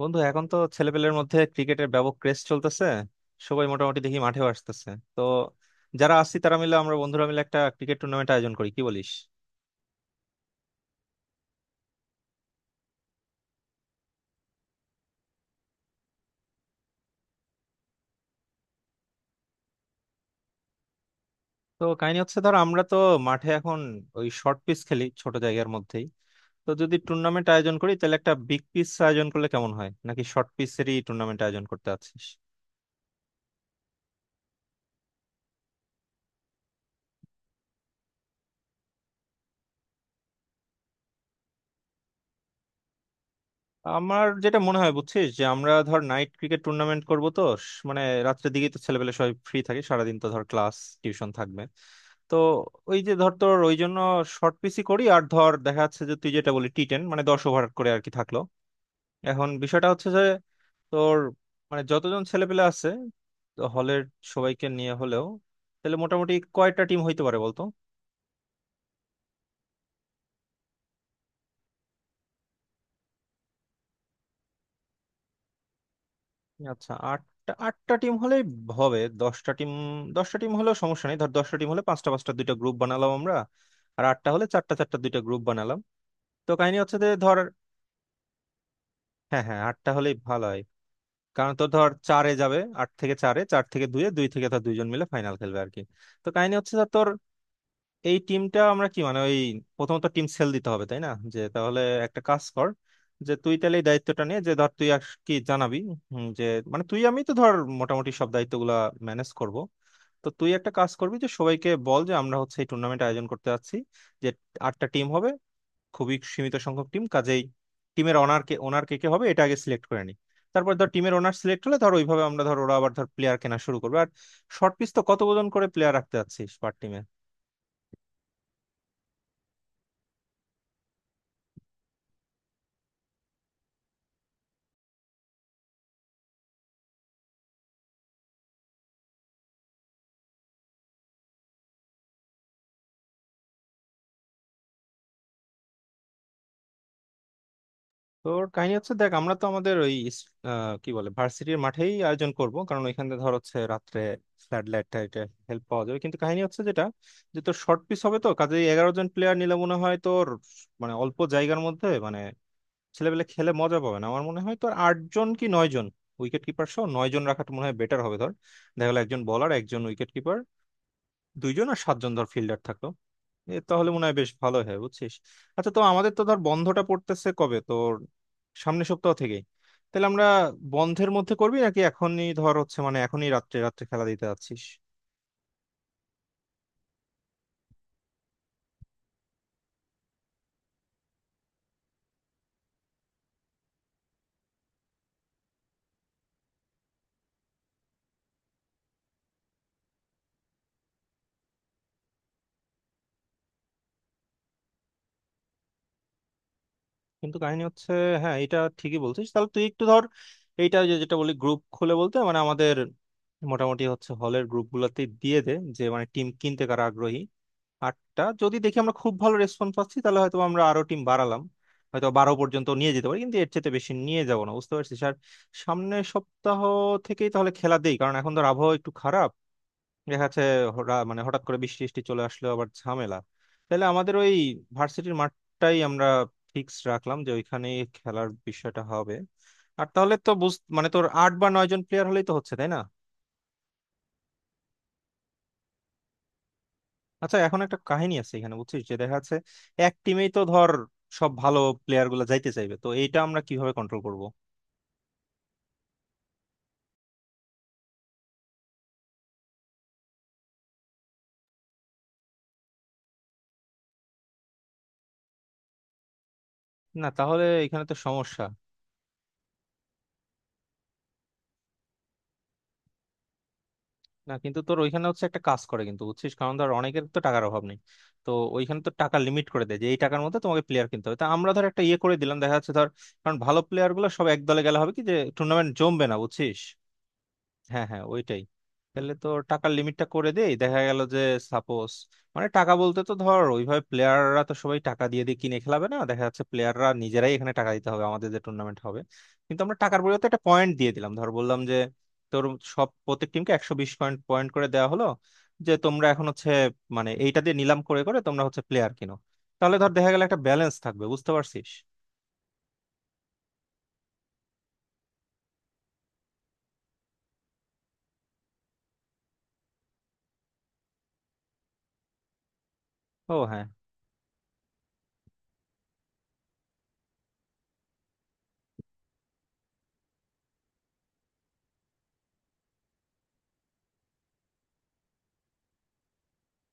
বন্ধু, এখন তো ছেলেপেলের মধ্যে ক্রিকেটের ব্যাপক ক্রেজ চলতেছে। সবাই মোটামুটি দেখি মাঠেও আসতেছে। তো যারা আসছি তারা মিলে, আমরা বন্ধুরা মিলে একটা ক্রিকেট টুর্নামেন্ট আয়োজন করি, কি বলিস? তো কাহিনী হচ্ছে, ধর আমরা তো মাঠে এখন ওই শর্ট পিচ খেলি ছোট জায়গার মধ্যেই। তো যদি টুর্নামেন্ট আয়োজন করি তাহলে একটা বিগ পিচ আয়োজন করলে কেমন হয়, নাকি শর্ট পিচেরই টুর্নামেন্ট আয়োজন করতে আছিস? আমার যেটা মনে হয় বুঝছিস, যে আমরা ধর নাইট ক্রিকেট টুর্নামেন্ট করব। তো মানে রাত্রের দিকেই তো ছেলেপেলে সবাই ফ্রি থাকে, সারাদিন তো ধর ক্লাস টিউশন থাকবে। তো ওই যে ধর, তোর ওই জন্য শর্ট পিচই করি। আর ধর দেখা যাচ্ছে যে তুই যেটা বলি T10, মানে 10 ওভার করে আর কি থাকলো। এখন বিষয়টা হচ্ছে যে তোর, মানে যতজন ছেলেপেলে আছে হলের, সবাইকে নিয়ে হলেও তাহলে মোটামুটি কয়টা টিম হইতে পারে বলতো? আচ্ছা, আটটা আটটা টিম হলেই হবে। দশটা টিম, দশটা টিম হলেও সমস্যা নেই। ধর দশটা টিম হলে পাঁচটা পাঁচটা দুইটা গ্রুপ বানালাম আমরা, আর আটটা হলে চারটা চারটা দুইটা গ্রুপ বানালাম। তো কাহিনী হচ্ছে যে ধর, হ্যাঁ হ্যাঁ, আটটা হলেই ভালো হয়। কারণ তো ধর চারে যাবে, আট থেকে চারে, চার থেকে দুয়ে, দুই থেকে ধর দুইজন মিলে ফাইনাল খেলবে আর কি। তো কাহিনী হচ্ছে ধর তোর, এই টিমটা আমরা কি, মানে ওই প্রথমত টিম সেল দিতে হবে তাই না? যে তাহলে একটা কাজ কর, যে তুই তাহলে এই দায়িত্বটা নিয়ে, যে ধর তুই আর কি জানাবি। যে মানে তুই আমি তো ধর মোটামুটি সব দায়িত্বগুলা ম্যানেজ করব। তো তুই একটা কাজ করবি যে সবাইকে বল যে আমরা হচ্ছে এই টুর্নামেন্ট আয়োজন করতে যাচ্ছি, যে আটটা টিম হবে, খুবই সীমিত সংখ্যক টিম। কাজেই টিমের অনার কে, ওনার কে কে হবে, এটা আগে সিলেক্ট করে নি। তারপর ধর টিমের ওনার সিলেক্ট হলে ধর ওইভাবে আমরা ধর, ওরা আবার ধর প্লেয়ার কেনা শুরু করবে আর শর্ট পিচ তো কত ওজন করে প্লেয়ার রাখতে চাচ্ছিস পার টিমে? তোর কাহিনী হচ্ছে দেখ, আমরা তো আমাদের ওই কি বলে, ভার্সিটির মাঠেই আয়োজন করব, কারণ ওইখানে ধর হচ্ছে রাত্রে স্যাটেলাইট হেল্প পাওয়া যাবে। কিন্তু কাহিনী হচ্ছে যেটা, যে তোর শর্ট পিস হবে, তো কাজেই 11 জন প্লেয়ার নিলে মনে হয় তোর, মানে অল্প জায়গার মধ্যে, মানে ছেলেপেলে খেলে মজা পাবে না। আমার মনে হয় তোর আট জন কি নয় জন, উইকেট কিপার সহ নয় জন রাখাটা মনে হয় বেটার হবে। ধর দেখা গেলো একজন বলার, একজন উইকেট কিপার দুইজন, আর সাতজন ধর ফিল্ডার থাকলো। এ তাহলে মনে হয় বেশ ভালো হয়, বুঝছিস। আচ্ছা, তো আমাদের তো ধর বন্ধটা পড়তেছে কবে তোর, সামনের সপ্তাহ থেকেই। তাহলে আমরা বন্ধের মধ্যে করবি, নাকি এখনই ধর হচ্ছে, মানে এখনই রাত্রে রাত্রে খেলা দিতে যাচ্ছিস? কিন্তু কাহিনী হচ্ছে, হ্যাঁ এটা ঠিকই বলছিস। তাহলে তুই একটু ধর, এইটা যেটা বলি গ্রুপ খুলে বলতে, মানে আমাদের মোটামুটি হচ্ছে হলের গ্রুপ গুলাতে দিয়ে দে, যে মানে টিম কিনতে কারা আগ্রহী। আটটা যদি দেখি আমরা খুব ভালো রেসপন্স পাচ্ছি, তাহলে হয়তো আমরা আরো টিম বাড়ালাম, হয়তো 12 পর্যন্ত নিয়ে যেতে পারি, কিন্তু এর চেয়ে বেশি নিয়ে যাব না বুঝতে পারছিস। আর সামনের সপ্তাহ থেকেই তাহলে খেলা দেই, কারণ এখন ধর আবহাওয়া একটু খারাপ, দেখা যাচ্ছে মানে হঠাৎ করে বৃষ্টি টিষ্টি চলে আসলো আবার ঝামেলা। তাহলে আমাদের ওই ভার্সিটির মাঠটাই আমরা ফিক্স রাখলাম, যে ওইখানেই খেলার বিষয়টা হবে। আর তাহলে তো বুঝ, মানে তোর আট বা নয় জন প্লেয়ার হলেই তো হচ্ছে তাই না। আচ্ছা, এখন একটা কাহিনী আছে এখানে বুঝছিস, যে দেখা যাচ্ছে এক টিমেই তো ধর সব ভালো প্লেয়ার গুলো যাইতে চাইবে, তো এইটা আমরা কিভাবে কন্ট্রোল করব? না তাহলে এখানে তো সমস্যা। না কিন্তু তোর ওইখানে হচ্ছে একটা কাজ করে কিন্তু, বুঝছিস, কারণ ধর অনেকের তো টাকার অভাব নেই। তো ওইখানে তো টাকা লিমিট করে দেয়, যে এই টাকার মধ্যে তোমাকে প্লেয়ার কিনতে হবে। তা আমরা ধর একটা ইয়ে করে দিলাম, দেখা যাচ্ছে ধর, কারণ ভালো প্লেয়ার গুলো সব এক দলে গেলে হবে কি যে টুর্নামেন্ট জমবে না বুঝছিস। হ্যাঁ হ্যাঁ, ওইটাই। তাহলে তো টাকার লিমিটটা করে দেই, দেখা গেল যে সাপোজ, মানে টাকা বলতে তো ধর ওইভাবে প্লেয়াররা তো সবাই টাকা দিয়ে দিয়ে কিনে খেলাবে না, দেখা যাচ্ছে প্লেয়াররা নিজেরাই এখানে টাকা দিতে হবে আমাদের যে টুর্নামেন্ট হবে। কিন্তু আমরা টাকার পরিবর্তে একটা পয়েন্ট দিয়ে দিলাম ধর, বললাম যে তোর সব প্রত্যেক টিমকে একশো বিশ পয়েন্ট পয়েন্ট করে দেওয়া হলো, যে তোমরা এখন হচ্ছে, মানে এইটা দিয়ে নিলাম করে করে তোমরা হচ্ছে প্লেয়ার কিনো। তাহলে ধর দেখা গেল একটা ব্যালেন্স থাকবে, বুঝতে পারছিস। ও হ্যাঁ,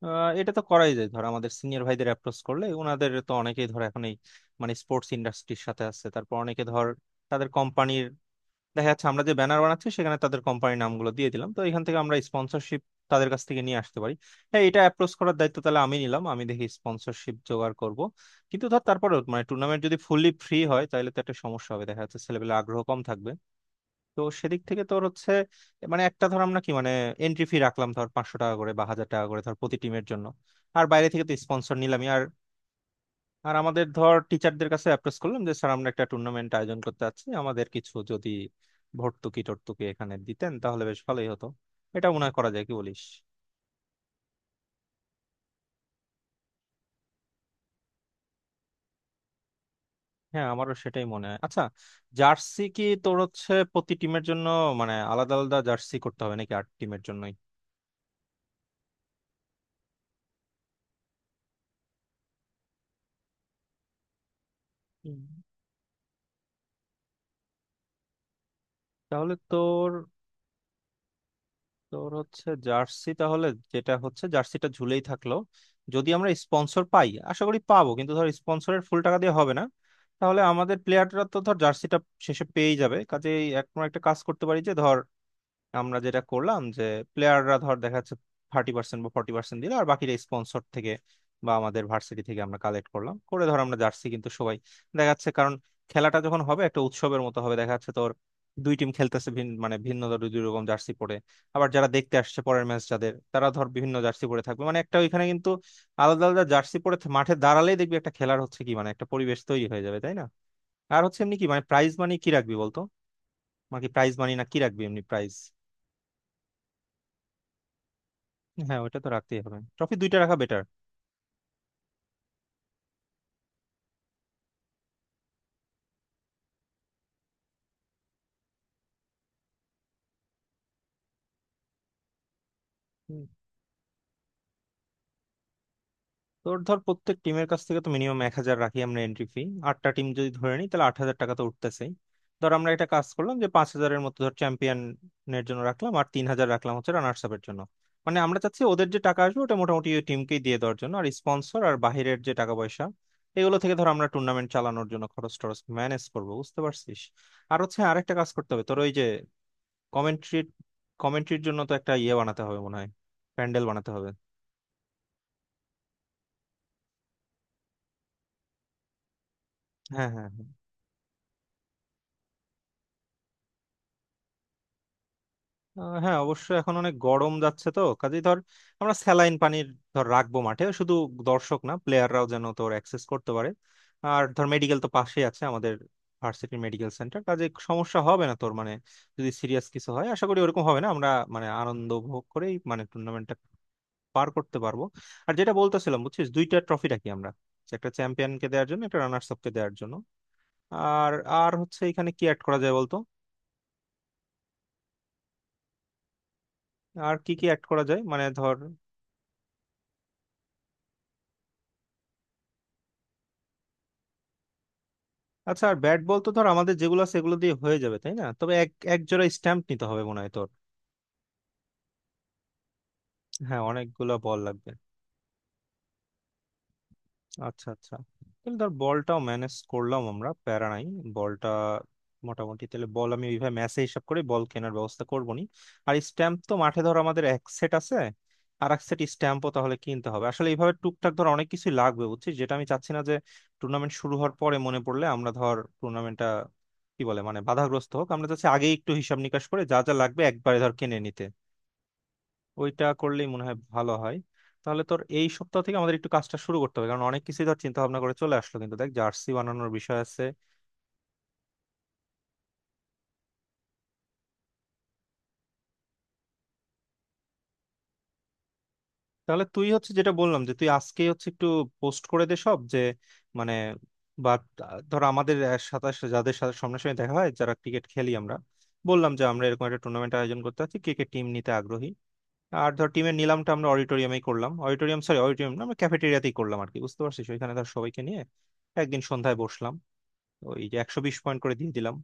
এটা তো করাই যায় ধর। আমাদের সিনিয়র ভাইদের অ্যাপ্রোচ করলে, ওনাদের তো অনেকেই ধর এখন এই, মানে স্পোর্টস ইন্ডাস্ট্রির সাথে আছে। তারপর অনেকে ধর তাদের কোম্পানির, দেখা যাচ্ছে আমরা যে ব্যানার বানাচ্ছি সেখানে তাদের কোম্পানির নামগুলো দিয়ে দিলাম, তো এখান থেকে আমরা স্পন্সরশিপ তাদের কাছ থেকে নিয়ে আসতে পারি। হ্যাঁ, এটা অ্যাপ্রোচ করার দায়িত্ব তাহলে আমি নিলাম, আমি দেখি স্পন্সরশিপ জোগাড় করব। কিন্তু ধর তারপরে, মানে টুর্নামেন্ট যদি ফুললি ফ্রি হয় তাহলে তো একটা সমস্যা হবে, দেখা যাচ্ছে ছেলেপেলে আগ্রহ কম থাকবে। তো সেদিক থেকে তোর হচ্ছে, মানে একটা ধর আমরা কি মানে এন্ট্রি ফি রাখলাম ধর 500 টাকা করে বা হাজার টাকা করে ধর প্রতি টিমের জন্য। আর বাইরে থেকে তো স্পন্সর নিলামই। আর আর আমাদের ধর টিচারদের কাছে অ্যাপ্রোচ করলাম, যে স্যার আমরা একটা টুর্নামেন্ট আয়োজন করতে চাচ্ছি, আমাদের কিছু যদি ভর্তুকি টর্তুকি এখানে দিতেন তাহলে বেশ ভালোই হতো। এটা মনে হয় করা যায়, কি বলিস? হ্যাঁ, আমারও সেটাই মনে হয়। আচ্ছা, জার্সি কি তোর হচ্ছে প্রতি টিমের জন্য, মানে আলাদা আলাদা জার্সি করতে হবে নাকি আট টিমের জন্যই? হুম। তাহলে তোর, তোর হচ্ছে জার্সি তাহলে, যেটা হচ্ছে জার্সিটা ঝুলেই থাকলো। যদি আমরা স্পন্সর পাই, আশা করি পাবো, কিন্তু ধর স্পন্সরের ফুল টাকা দিয়ে হবে না, তাহলে আমাদের প্লেয়াররা তো ধর জার্সিটা শেষে পেয়েই যাবে। কাজেই এক আমরা একটা কাজ করতে পারি যে ধর, আমরা যেটা করলাম যে প্লেয়াররা ধর দেখা যাচ্ছে 30% বা 40% দিল, আর বাকিটা স্পন্সর থেকে বা আমাদের ভার্সিটি থেকে আমরা কালেক্ট করলাম করে ধর আমরা জার্সি কিন্তু সবাই দেখা যাচ্ছে। কারণ খেলাটা যখন হবে একটা উৎসবের মতো হবে, দেখা যাচ্ছে তোর দুই টিম খেলতেছে ভিন্ন, মানে ভিন্ন ধর দুই দুই রকম জার্সি পরে, আবার যারা দেখতে আসছে পরের ম্যাচ যাদের তারা ধর বিভিন্ন জার্সি পরে থাকবে, মানে একটা ওইখানে কিন্তু আলাদা আলাদা জার্সি পরে মাঠে দাঁড়ালেই দেখবি একটা খেলার হচ্ছে কি, মানে একটা পরিবেশ তৈরি হয়ে যাবে তাই না। আর হচ্ছে এমনি কি, মানে প্রাইজ মানি কি রাখবি বলতো? মানে কি প্রাইজ মানি না কি রাখবি এমনি প্রাইজ? হ্যাঁ, ওটা তো রাখতেই হবে, ট্রফি দুইটা রাখা বেটার। তোর ধর প্রত্যেক টিমের কাছ থেকে তো মিনিমাম 1,000 রাখি আমরা এন্ট্রি ফি। আটটা টিম যদি ধরে নিই তাহলে 8,000 টাকা তো উঠতেছেই। ধর আমরা একটা কাজ করলাম যে 5,000-এর মতো ধর চ্যাম্পিয়নের জন্য রাখলাম, আর 3,000 রাখলাম হচ্ছে রানার্স আপের জন্য। মানে আমরা চাচ্ছি ওদের যে টাকা আসবে ওটা মোটামুটি ওই টিমকেই দিয়ে দেওয়ার জন্য, আর স্পন্সর আর বাহিরের যে টাকা পয়সা, এগুলো থেকে ধর আমরা টুর্নামেন্ট চালানোর জন্য খরচ টরচ ম্যানেজ করবো, বুঝতে পারছিস। আর হচ্ছে আরেকটা কাজ করতে হবে তোর, ওই যে কমেন্ট্রি, কমেন্ট্রির জন্য তো একটা ইয়ে বানাতে হবে মনে হয়, প্যান্ডেল বানাতে হবে। হ্যাঁ হ্যাঁ হ্যাঁ। হ্যাঁ অবশ্য এখন অনেক গরম যাচ্ছে, তো কাজেই ধর আমরা স্যালাইন পানির ধর রাখবো মাঠে, শুধু দর্শক না প্লেয়াররাও যেন তোর অ্যাক্সেস করতে পারে। আর ধর মেডিকেল তো পাশেই আছে আমাদের, ভার্সিটি মেডিকেল সেন্টার, কাজে সমস্যা হবে না তোর। মানে যদি সিরিয়াস কিছু হয়, আশা করি ওরকম হবে না, আমরা মানে আনন্দ উপভোগ করেই মানে টুর্নামেন্টটা পার করতে পারবো। আর যেটা বলতেছিলাম বুঝছিস, দুইটা ট্রফি রাখি আমরা, একটা চ্যাম্পিয়নকে দেওয়ার জন্য, একটা রানার্স আপকে দেওয়ার জন্য। আর আর হচ্ছে এখানে কি অ্যাড করা যায় বলতো? আর কি কি অ্যাড করা যায়, মানে ধর? আচ্ছা, আর ব্যাট বল তো ধর আমাদের যেগুলো আছে সেগুলো দিয়ে হয়ে যাবে তাই না, তবে এক এক জোড়া স্ট্যাম্প নিতে হবে মনে হয় তোর। হ্যাঁ, অনেকগুলো বল লাগবে। আচ্ছা আচ্ছা, তাহলে ধর বলটাও ম্যানেজ করলাম আমরা, প্যারা নাই। বলটা মোটামুটি তাহলে বল আমি ওইভাবে ম্যাচে হিসাব করে বল কেনার ব্যবস্থা করবো নি। আর স্ট্যাম্প তো মাঠে ধর আমাদের এক সেট আছে, আর এক সেট স্ট্যাম্পও তাহলে কিনতে হবে। আসলে এইভাবে টুকটাক ধর অনেক কিছু লাগবে বুঝছিস, যেটা আমি চাচ্ছি না যে টুর্নামেন্ট শুরু হওয়ার পরে মনে পড়লে আমরা ধর টুর্নামেন্টটা কি বলে মানে বাধাগ্রস্ত হোক। আমরা চাচ্ছি আগেই একটু হিসাব নিকাশ করে, যা যা লাগবে একবারে ধর কিনে নিতে। ওইটা করলেই মনে হয় ভালো হয়। তাহলে তোর এই সপ্তাহ থেকে আমাদের একটু কাজটা শুরু করতে হবে, কারণ অনেক কিছু ধর চিন্তা ভাবনা করে চলে আসলো কিন্তু দেখ, জার্সি বানানোর বিষয় আছে। তাহলে তুই হচ্ছে যেটা বললাম, যে তুই আজকেই হচ্ছে একটু পোস্ট করে দে সব, যে মানে, বা ধর আমাদের সাথে যাদের সাথে সামনাসামনি দেখা হয়, যারা ক্রিকেট খেলি আমরা, বললাম যে আমরা এরকম একটা টুর্নামেন্ট আয়োজন করতে চাচ্ছি, কে কে টিম নিতে আগ্রহী। আর ধর টিমের নিলামটা আমরা অডিটোরিয়ামেই করলাম, অডিটোরিয়াম সরি, অডিটোরিয়াম না আমরা ক্যাফেটেরিয়াতেই করলাম আর কি, বুঝতে পারছিস, ওইখানে ধর সবাইকে নিয়ে একদিন সন্ধ্যায় বসলাম, ওই যে 120 পয়েন্ট করে দিয়ে দিলাম।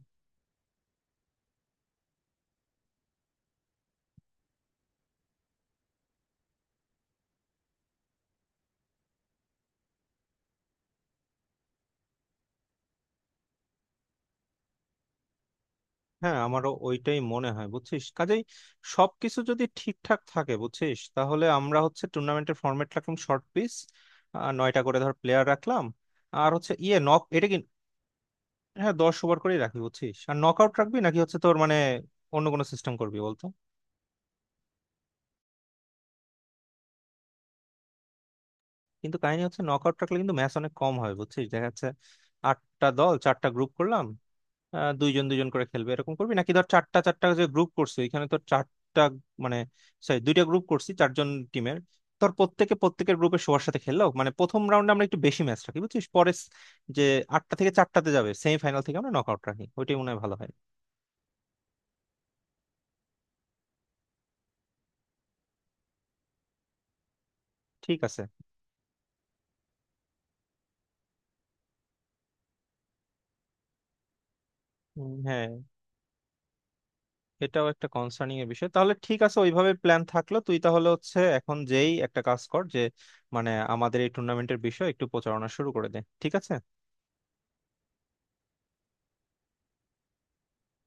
হ্যাঁ, আমারও ওইটাই মনে হয় বুঝছিস। কাজেই সবকিছু যদি ঠিকঠাক থাকে বুঝছিস, তাহলে আমরা হচ্ছে টুর্নামেন্টের ফরম্যাট রাখলাম শর্ট পিচ, আর নয়টা করে ধর প্লেয়ার রাখলাম, আর হচ্ছে ইয়ে নক, এটা কি? হ্যাঁ, 10 ওভার করেই রাখি বুঝছিস। আর নক আউট রাখবি, নাকি হচ্ছে তোর মানে অন্য কোনো সিস্টেম করবি বলতো? কিন্তু কাহিনী হচ্ছে নক আউট রাখলে কিন্তু ম্যাচ অনেক কম হয় বুঝছিস, দেখা যাচ্ছে আটটা দল চারটা গ্রুপ করলাম, দুইজন দুইজন করে খেলবে এরকম করবি, নাকি ধর চারটা চারটা যে গ্রুপ করছি এখানে তো চারটা, মানে সরি দুইটা গ্রুপ করছি চারজন টিমের। তোর প্রত্যেকে প্রত্যেকের গ্রুপে সবার সাথে খেললো, মানে প্রথম রাউন্ডে আমরা একটু বেশি ম্যাচ রাখি বুঝছিস, পরে যে আটটা থেকে চারটাতে যাবে সেমিফাইনাল থেকে আমরা নকআউট রাখি, ওইটাই মনে হয় ভালো হয়। ঠিক আছে। হ্যাঁ, এটাও একটা কনসার্নিং এর বিষয়। তাহলে ঠিক আছে ওইভাবে প্ল্যান থাকলো। তুই তাহলে হচ্ছে এখন যেই একটা কাজ কর, যে মানে আমাদের এই টুর্নামেন্টের বিষয় একটু প্রচারণা শুরু করে দে ঠিক আছে।